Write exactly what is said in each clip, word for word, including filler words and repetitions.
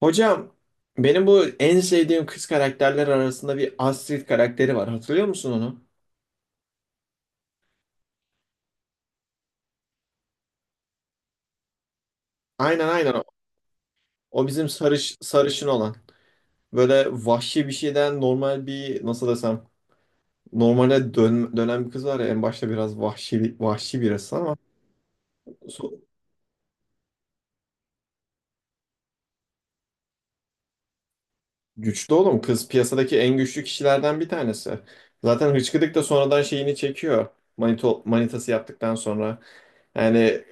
Hocam, benim bu en sevdiğim kız karakterler arasında bir Astrid karakteri var. Hatırlıyor musun onu? Aynen, aynen. O bizim sarış sarışın olan. Böyle vahşi bir şeyden normal bir, nasıl desem, normale dön, dönen bir kız var ya, en başta biraz vahşi vahşi birisi ama so- güçlü oğlum, kız piyasadaki en güçlü kişilerden bir tanesi. Zaten hıçkıdık da sonradan şeyini çekiyor. Manito, manitası yaptıktan sonra. Yani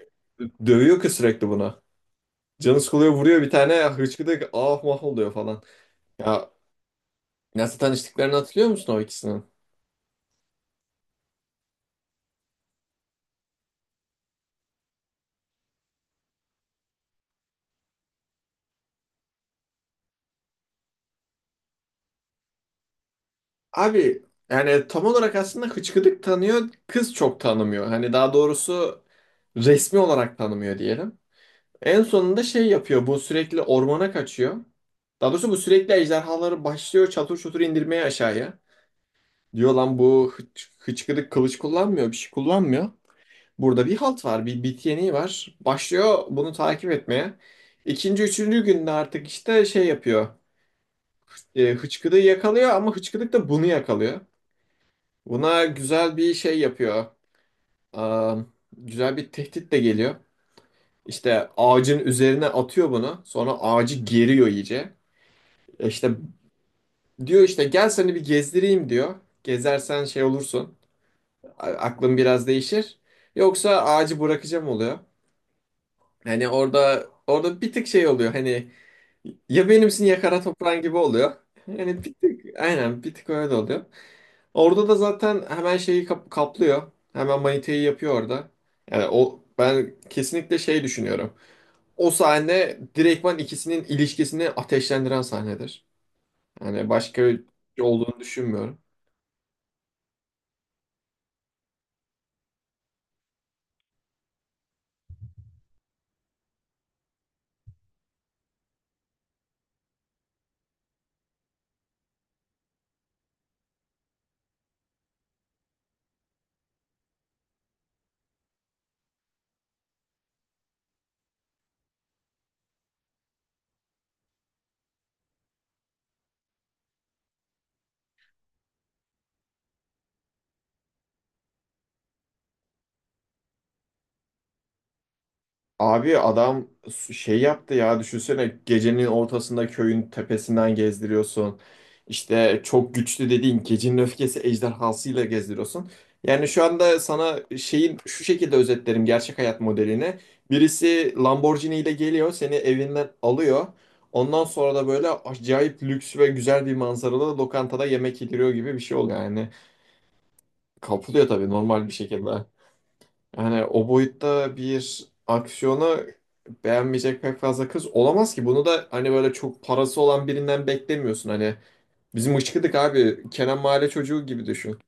dövüyor kız sürekli buna. Canı sıkılıyor, vuruyor bir tane, hıçkıdık ah mah oluyor falan. Ya, nasıl tanıştıklarını hatırlıyor musun o ikisinin? Abi yani tam olarak aslında hıçkıdık tanıyor, kız çok tanımıyor. Hani daha doğrusu resmi olarak tanımıyor diyelim. En sonunda şey yapıyor, bu sürekli ormana kaçıyor. Daha doğrusu bu sürekli ejderhaları başlıyor çatır çutur indirmeye aşağıya. Diyor lan bu hıç, hıçkıdık kılıç kullanmıyor, bir şey kullanmıyor. Burada bir halt var, bir bit yeniği var. Başlıyor bunu takip etmeye. İkinci, üçüncü günde artık işte şey yapıyor. E, hıçkırığı yakalıyor ama hıçkırık da bunu yakalıyor. Buna güzel bir şey yapıyor. Aa, Güzel bir tehdit de geliyor. İşte ağacın üzerine atıyor bunu. Sonra ağacı geriyor iyice. E İşte diyor, işte gel seni bir gezdireyim diyor. Gezersen şey olursun. a- Aklın biraz değişir. Yoksa ağacı bırakacağım oluyor. Hani orada orada bir tık şey oluyor, hani ya benimsin ya kara toprağın gibi oluyor. Yani bir tık aynen, bir tık öyle oluyor. Orada da zaten hemen şeyi kap- kaplıyor. Hemen maniteyi yapıyor orada. Yani o, ben kesinlikle şey düşünüyorum. O sahne direktman ikisinin ilişkisini ateşlendiren sahnedir. Yani başka bir şey olduğunu düşünmüyorum. Abi adam şey yaptı ya, düşünsene, gecenin ortasında köyün tepesinden gezdiriyorsun. İşte çok güçlü dediğin gecenin öfkesi ejderhasıyla gezdiriyorsun. Yani şu anda sana şeyin şu şekilde özetlerim gerçek hayat modelini. Birisi Lamborghini ile geliyor, seni evinden alıyor. Ondan sonra da böyle acayip lüks ve güzel bir manzaralı lokantada yemek yediriyor gibi bir şey oluyor yani. Kapılıyor tabii, normal bir şekilde. Yani o boyutta bir aksiyona beğenmeyecek pek fazla kız olamaz ki. Bunu da hani böyle çok parası olan birinden beklemiyorsun. Hani bizim ışkıdık abi Kenan Mahalle çocuğu gibi düşün.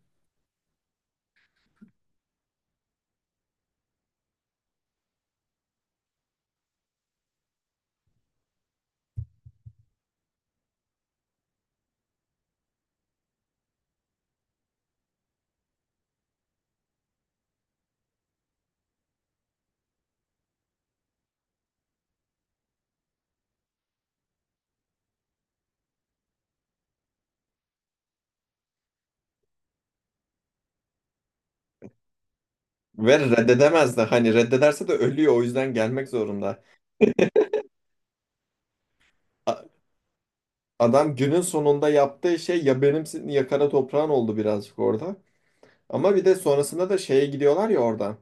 Ve reddedemez de, hani reddederse de ölüyor, o yüzden gelmek zorunda. A- Adam günün sonunda yaptığı şey ya benimsin ya kara toprağın oldu birazcık orada. Ama bir de sonrasında da şeye gidiyorlar ya oradan.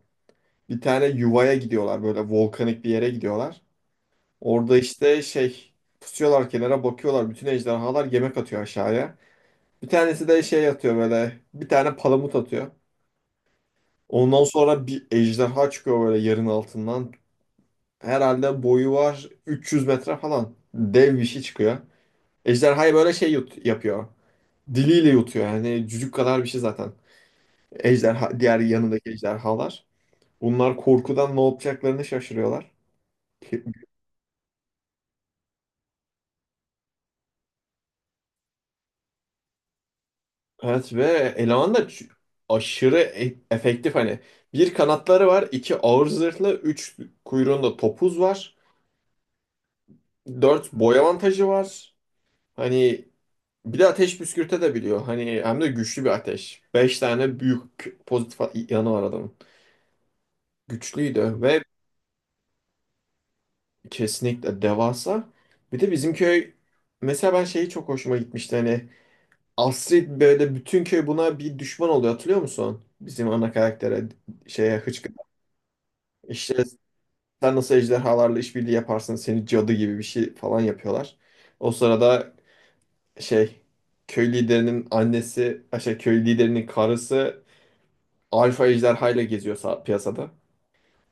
Bir tane yuvaya gidiyorlar, böyle volkanik bir yere gidiyorlar. Orada işte şey, pusuyorlar, kenara bakıyorlar. Bütün ejderhalar yemek atıyor aşağıya. Bir tanesi de şey atıyor, böyle bir tane palamut atıyor. Ondan sonra bir ejderha çıkıyor böyle yerin altından. Herhalde boyu var üç yüz metre falan. Dev bir şey çıkıyor. Ejderhayı böyle şey yut yapıyor. Diliyle yutuyor, yani cücük kadar bir şey zaten. Ejderha, diğer yanındaki ejderhalar. Bunlar korkudan ne yapacaklarını şaşırıyorlar. Evet ve eleman da ç- aşırı e- efektif hani. Bir, kanatları var; iki, ağır zırhlı; üç, kuyruğunda topuz var. Dört, boy avantajı var. Hani bir de ateş püskürte de biliyor. Hani hem de güçlü bir ateş. Beş tane büyük pozitif a- yanı var adamın. Güçlüydü ve kesinlikle devasa. Bir de bizim köy, mesela ben şeyi çok hoşuma gitmişti, hani Astrid böyle, bütün köy buna bir düşman oluyor, hatırlıyor musun? Bizim ana karaktere, şeye, hıçkıra. İşte sen nasıl ejderhalarla işbirliği yaparsın? Seni cadı gibi bir şey falan yapıyorlar. O sırada şey köy liderinin annesi, şey köy liderinin karısı alfa ejderhayla geziyor sa- piyasada.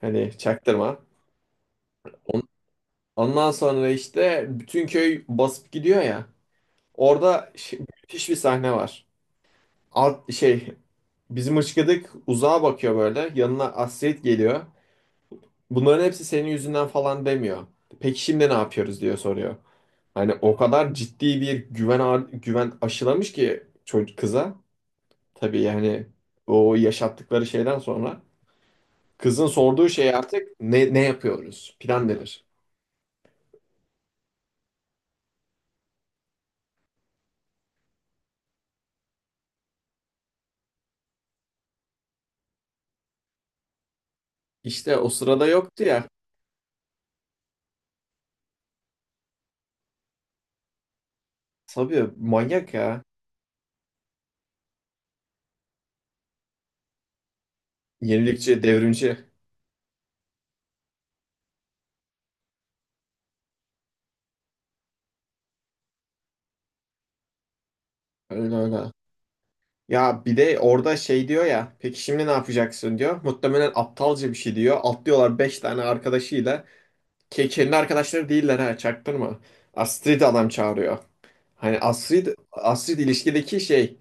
Hani çaktırma. On- Ondan sonra işte bütün köy basıp gidiyor ya. Orada şey- müthiş bir sahne var. Alt şey, bizim ışkıdık uzağa bakıyor böyle. Yanına Astrid geliyor. Bunların hepsi senin yüzünden falan demiyor. Peki şimdi ne yapıyoruz diyor, soruyor. Hani o kadar ciddi bir güven ağır- güven aşılamış ki çocuk kıza. Tabii yani o yaşattıkları şeyden sonra kızın sorduğu şey artık ne ne yapıyoruz? Plan denir. İşte o sırada yoktu ya. Tabii manyak ya. Yenilikçi, devrimci. Öyle öyle. Ya bir de orada şey diyor ya. Peki şimdi ne yapacaksın diyor. Muhtemelen aptalca bir şey diyor. Atlıyorlar beş tane arkadaşıyla. Ke kendi arkadaşları değiller ha, çaktırma. Astrid adam çağırıyor. Hani Astrid, Astrid ilişkideki şey,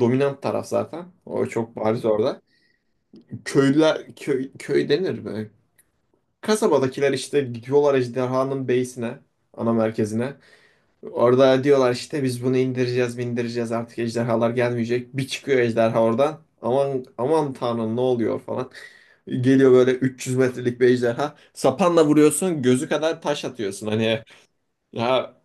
dominant taraf zaten. O çok bariz orada. Köylüler, köy, köy denir böyle. Kasabadakiler işte gidiyorlar ejderhanın beysine, ana merkezine. Orada diyorlar işte biz bunu indireceğiz, indireceğiz, artık ejderhalar gelmeyecek. Bir çıkıyor ejderha oradan. Aman, aman tanrım, ne oluyor falan. Geliyor böyle üç yüz metrelik bir ejderha. Sapanla vuruyorsun, gözü kadar taş atıyorsun. Hani ya,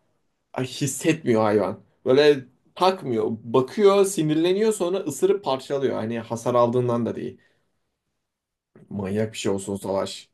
ay, hissetmiyor hayvan. Böyle takmıyor. Bakıyor, sinirleniyor, sonra ısırıp parçalıyor. Hani hasar aldığından da değil. Manyak bir şey olsun savaş.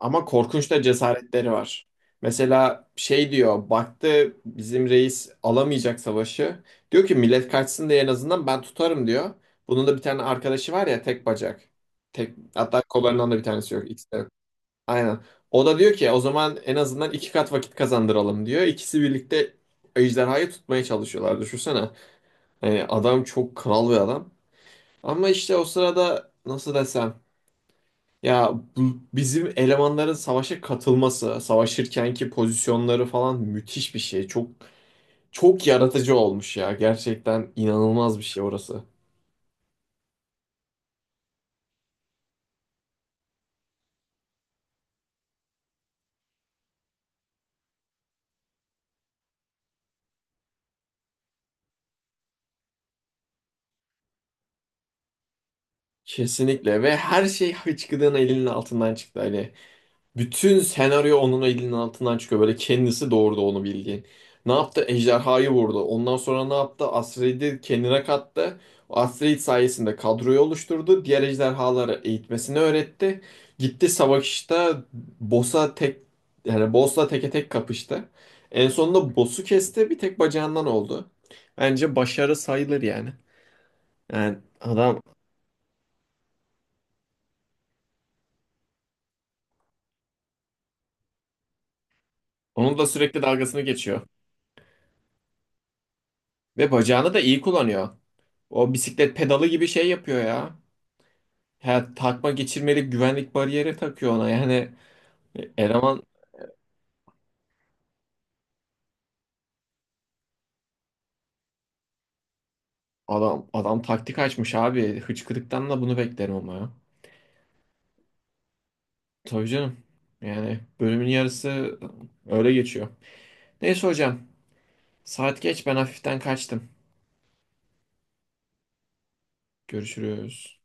Ama korkunç da cesaretleri var. Mesela şey diyor, baktı bizim reis alamayacak savaşı. Diyor ki millet kaçsın diye en azından ben tutarım diyor. Bunun da bir tane arkadaşı var ya, tek bacak. Tek, hatta kollarından da bir tanesi yok. Aynen. O da diyor ki o zaman en azından iki kat vakit kazandıralım diyor. İkisi birlikte ejderhayı tutmaya çalışıyorlar. Düşünsene. Yani adam çok kral bir adam. Ama işte o sırada, nasıl desem, ya bu- bizim elemanların savaşa katılması, savaşırkenki pozisyonları falan müthiş bir şey. Çok çok yaratıcı olmuş ya. Gerçekten inanılmaz bir şey orası. Kesinlikle, ve her şey hıçkırığın elinin altından çıktı Ali. Bütün senaryo onun elinin altından çıkıyor. Böyle kendisi doğurdu onu bildiğin. Ne yaptı? Ejderhayı vurdu. Ondan sonra ne yaptı? Astrid'i kendine kattı. O Astrid sayesinde kadroyu oluşturdu. Diğer ejderhaları eğitmesini öğretti. Gitti savaşta boss'a tek, yani boss'la teke tek kapıştı. En sonunda boss'u kesti. Bir tek bacağından oldu. Bence başarı sayılır yani. Yani adam onun da sürekli dalgasını geçiyor. Ve bacağını da iyi kullanıyor. O bisiklet pedalı gibi şey yapıyor ya. Ha, takma geçirmelik güvenlik bariyeri takıyor ona. Yani e, eleman, adam adam taktik açmış abi. Hıçkırıktan da bunu beklerim ama ya. Tabii canım. Yani bölümün yarısı öyle geçiyor. Neyse hocam. Saat geç, ben hafiften kaçtım. Görüşürüz.